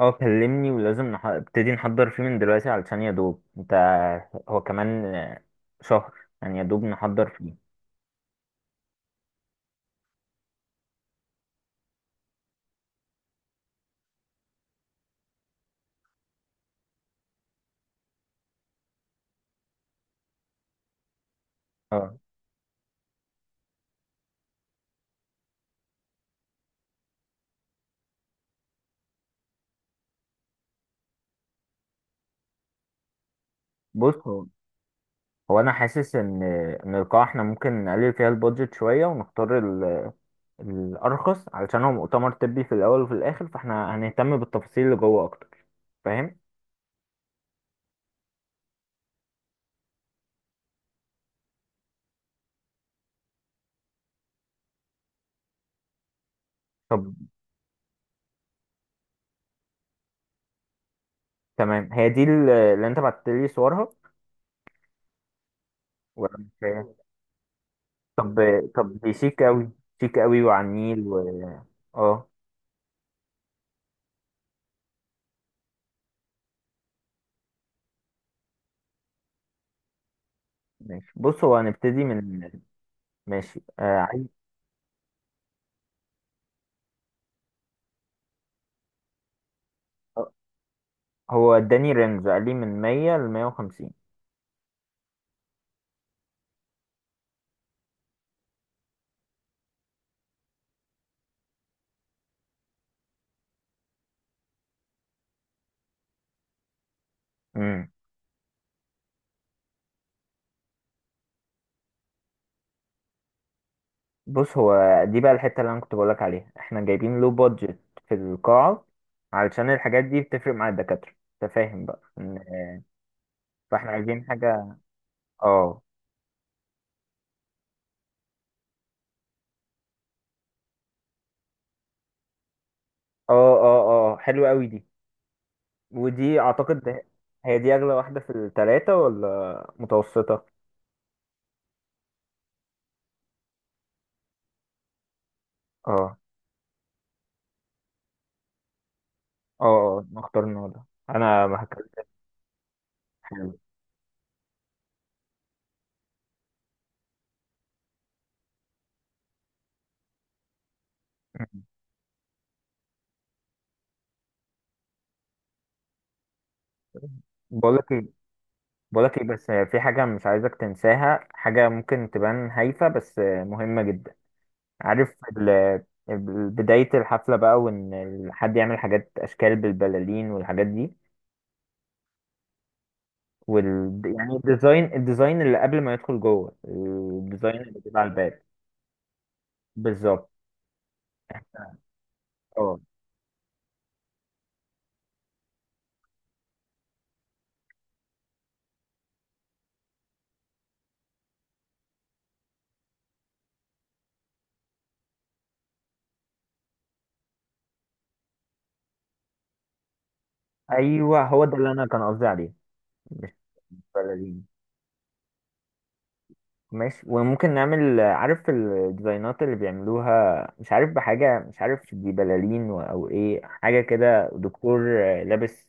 اه كلمني ولازم ابتدي نحضر فيه من دلوقتي علشان يا دوب انت هو كمان شهر. يعني يا دوب نحضر فيه. اه بص، هو انا حاسس ان القاعة احنا ممكن نقلل فيها البادجت شوية ونختار الارخص، علشان هو مؤتمر طبي في الاول وفي الاخر، فاحنا هنهتم بالتفاصيل اللي جوه اكتر. فاهم؟ طب تمام، هي دي اللي انت بعت لي صورها، ولا مش هي؟ طب. طب دي شيك قوي، شيك قوي وعلى النيل و اه ماشي. بص، هو هنبتدي من ماشي، عايز. هو اداني رينج، قال لي من 100 ل 150. امم بص، هو دي بقى الحته اللي انا كنت بقولك عليها، احنا جايبين لو بادجت في القاعه، علشان الحاجات دي بتفرق مع الدكاتره. انت فاهم بقى فاحنا عايزين حاجه. اه، اه، اه، اه، حلوه قوي دي. ودي اعتقد هي دي اغلى واحده في الثلاثه ولا متوسطه؟ اه، اه، اه، نختار النهارده. انا ما هكلمك، حلو. بقولك بقولك ايه، بس في حاجة مش عايزك تنساها، حاجة ممكن تبان هايفة بس مهمة جدا. عارف بداية الحفلة بقى، وان حد يعمل حاجات اشكال بالبلالين والحاجات دي، يعني الديزاين اللي قبل ما يدخل جوه، الديزاين اللي بيبقى على الباب. بالظبط. اه، ايوه، هو ده اللي انا كان قصدي عليه. مش البلالين. ماشي، وممكن نعمل، عارف الديزاينات اللي بيعملوها؟ مش عارف بحاجة، مش عارف دي بلالين أو إيه، حاجة كده، دكتور لابس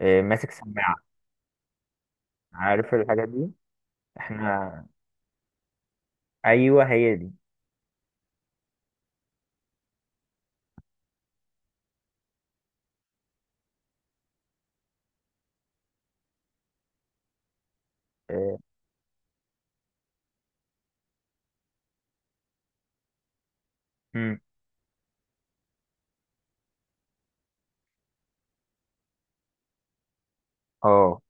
ماسك سماعة، عارف الحاجات دي. احنا أيوه، هي دي. اه. مم. آه.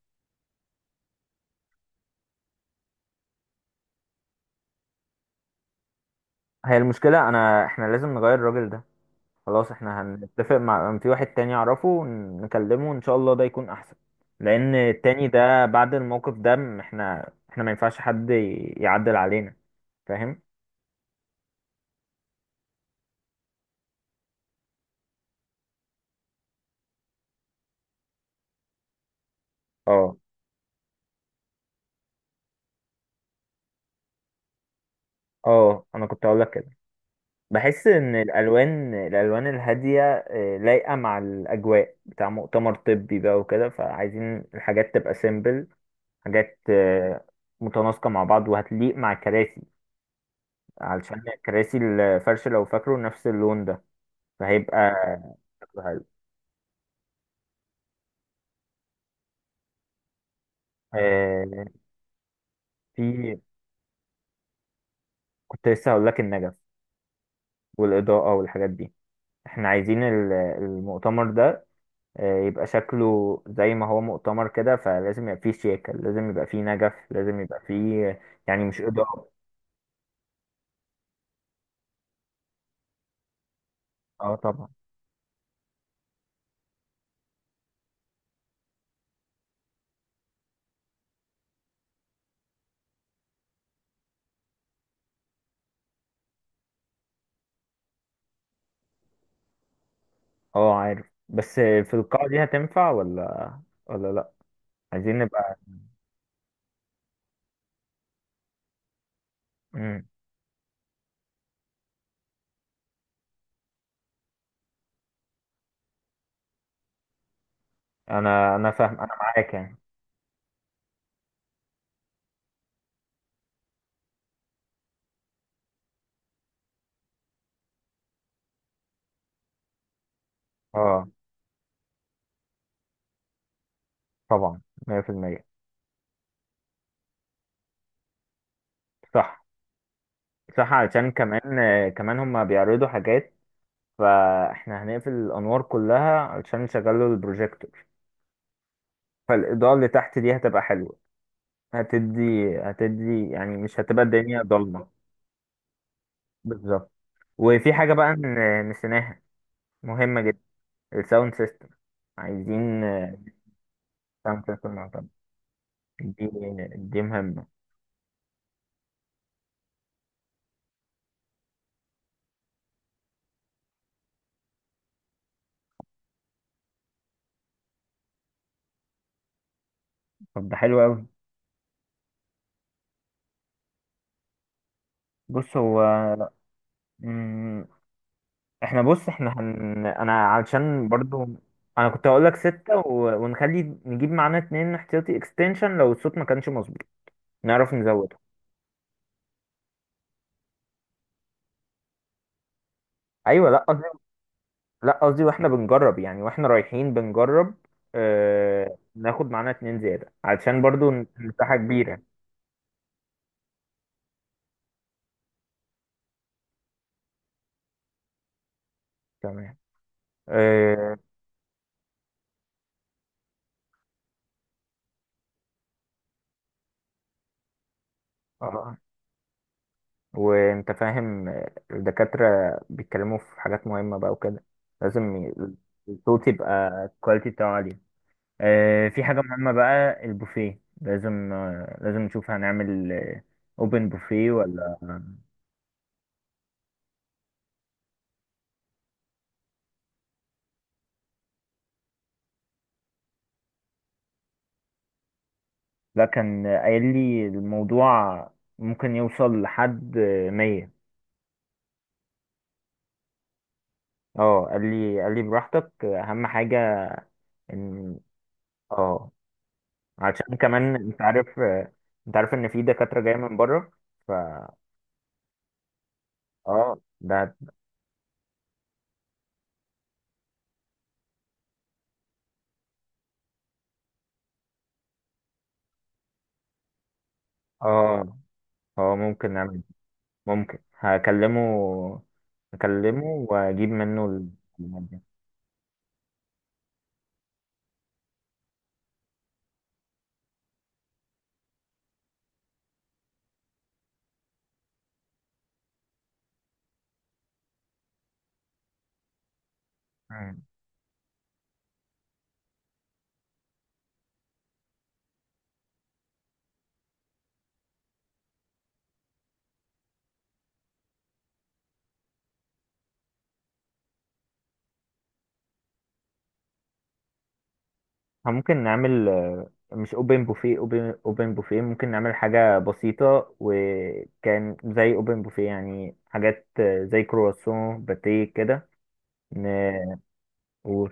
هي المشكلة، احنا لازم نغير الراجل ده. خلاص، احنا هنتفق في واحد تاني أعرفه، نكلمه إن شاء الله ده يكون أحسن. لأن التاني ده بعد الموقف ده احنا ما ينفعش حد يعدل علينا. فاهم؟ اه، اه، انا كنت هقول لك كده. بحس ان الالوان الهاديه لايقه مع الاجواء بتاع مؤتمر طبي بقى وكده، فعايزين الحاجات تبقى سيمبل، حاجات متناسقه مع بعض، وهتليق مع الكراسي، علشان كراسي الفرش لو فاكره نفس اللون ده، فهيبقى شكله حلو. آه، في. كنت لسه هقول لك النجف والاضاءه والحاجات دي. احنا عايزين المؤتمر ده يبقى شكله زي ما هو مؤتمر كده، فلازم يبقى فيه شياكة، لازم يبقى فيه نجف، لازم يبقى فيه يعني، مش إضاءة. اه طبعا. اه عارف، بس في القاعة دي هتنفع ولا لأ. عايزين نبقى. مم. أنا فاهم، أنا معاك يعني. اه طبعا. 100%. صح، صح، علشان كمان كمان هما بيعرضوا حاجات، فاحنا هنقفل الأنوار كلها علشان نشغلوا البروجيكتور. فالإضاءة اللي تحت دي هتبقى حلوة، هتدي هتدي يعني مش هتبقى الدنيا ضلمة. بالظبط. وفي حاجة بقى نسيناها، مهمة جدا، الساوند سيستم. عايزين ساوند سيستم معتمد. دي دي مهمة. طب ده حلو أوي. بص، هو. مم، احنا بص احنا هن، انا علشان برضو، انا كنت هقول لك 6 و، ونخلي نجيب معانا 2 احتياطي اكستنشن لو الصوت ما كانش مظبوط نعرف نزوده. ايوه، لا قصدي، لا قصدي واحنا بنجرب يعني، واحنا رايحين بنجرب اه... ناخد معانا 2 زيادة علشان برضو مساحة كبيرة. تمام. آه، آه، وانت فاهم الدكاترة بيتكلموا في حاجات مهمة بقى وكده، لازم الصوت يبقى الكواليتي بتاعه عالية. في حاجة مهمة بقى، البوفيه، لازم نشوف هنعمل اوبن بوفيه ولا. لا، كان قايل لي الموضوع ممكن يوصل لحد 100. اه، قال لي براحتك أهم حاجة إن، اه، عشان كمان انت عارف انت عارف ان في دكاترة جاية من بره، ف اه ده. اه، اه، ممكن هكلمه، واجيب منه الحاجات دي. مم. ممكن نعمل مش اوبن بوفيه، ممكن نعمل حاجة بسيطة، وكان زي اوبن بوفيه يعني، حاجات زي كرواسون باتيه كده. ن- و-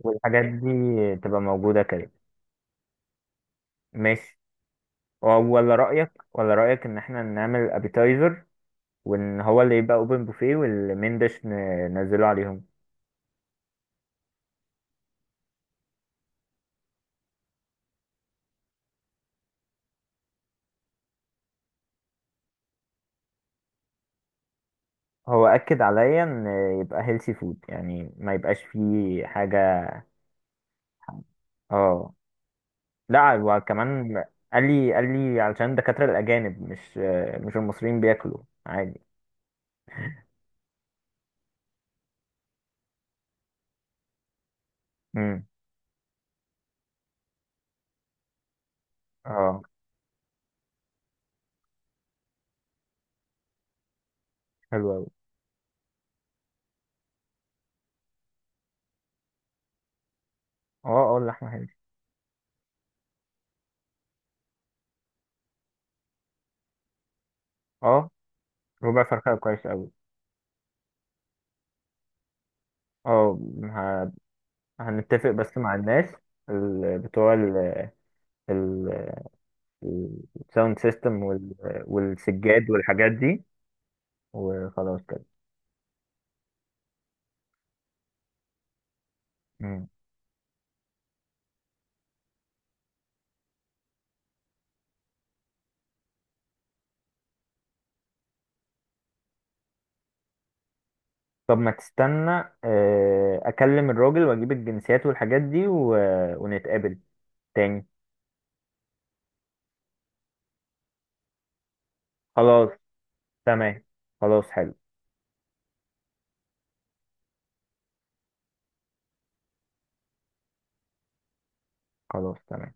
والحاجات دي تبقى موجودة كده. ماشي. ولا رأيك، إن إحنا نعمل أبيتايزر، وإن هو اللي يبقى أوبن بوفيه، والمين ديش ننزله عليهم. هو أكد عليا إن يبقى هيلسي فود، يعني ما يبقاش فيه حاجة. اه. لا وكمان، قال لي علشان الدكاترة الأجانب مش المصريين بياكلوا عادي. امم. اه حلو أوي. اه، اه، اللحمة حلوة. اه، ربع فرخة كويس أوي. اه، ه- هنتفق بس مع الناس، بتوع ال- الساوند سيستم والسجاد والحاجات دي، وخلاص كده. مم. طب ما تستنى، اكلم الراجل واجيب الجنسيات والحاجات دي ونتقابل تاني. خلاص تمام. خلاص حلو. خلاص تمام.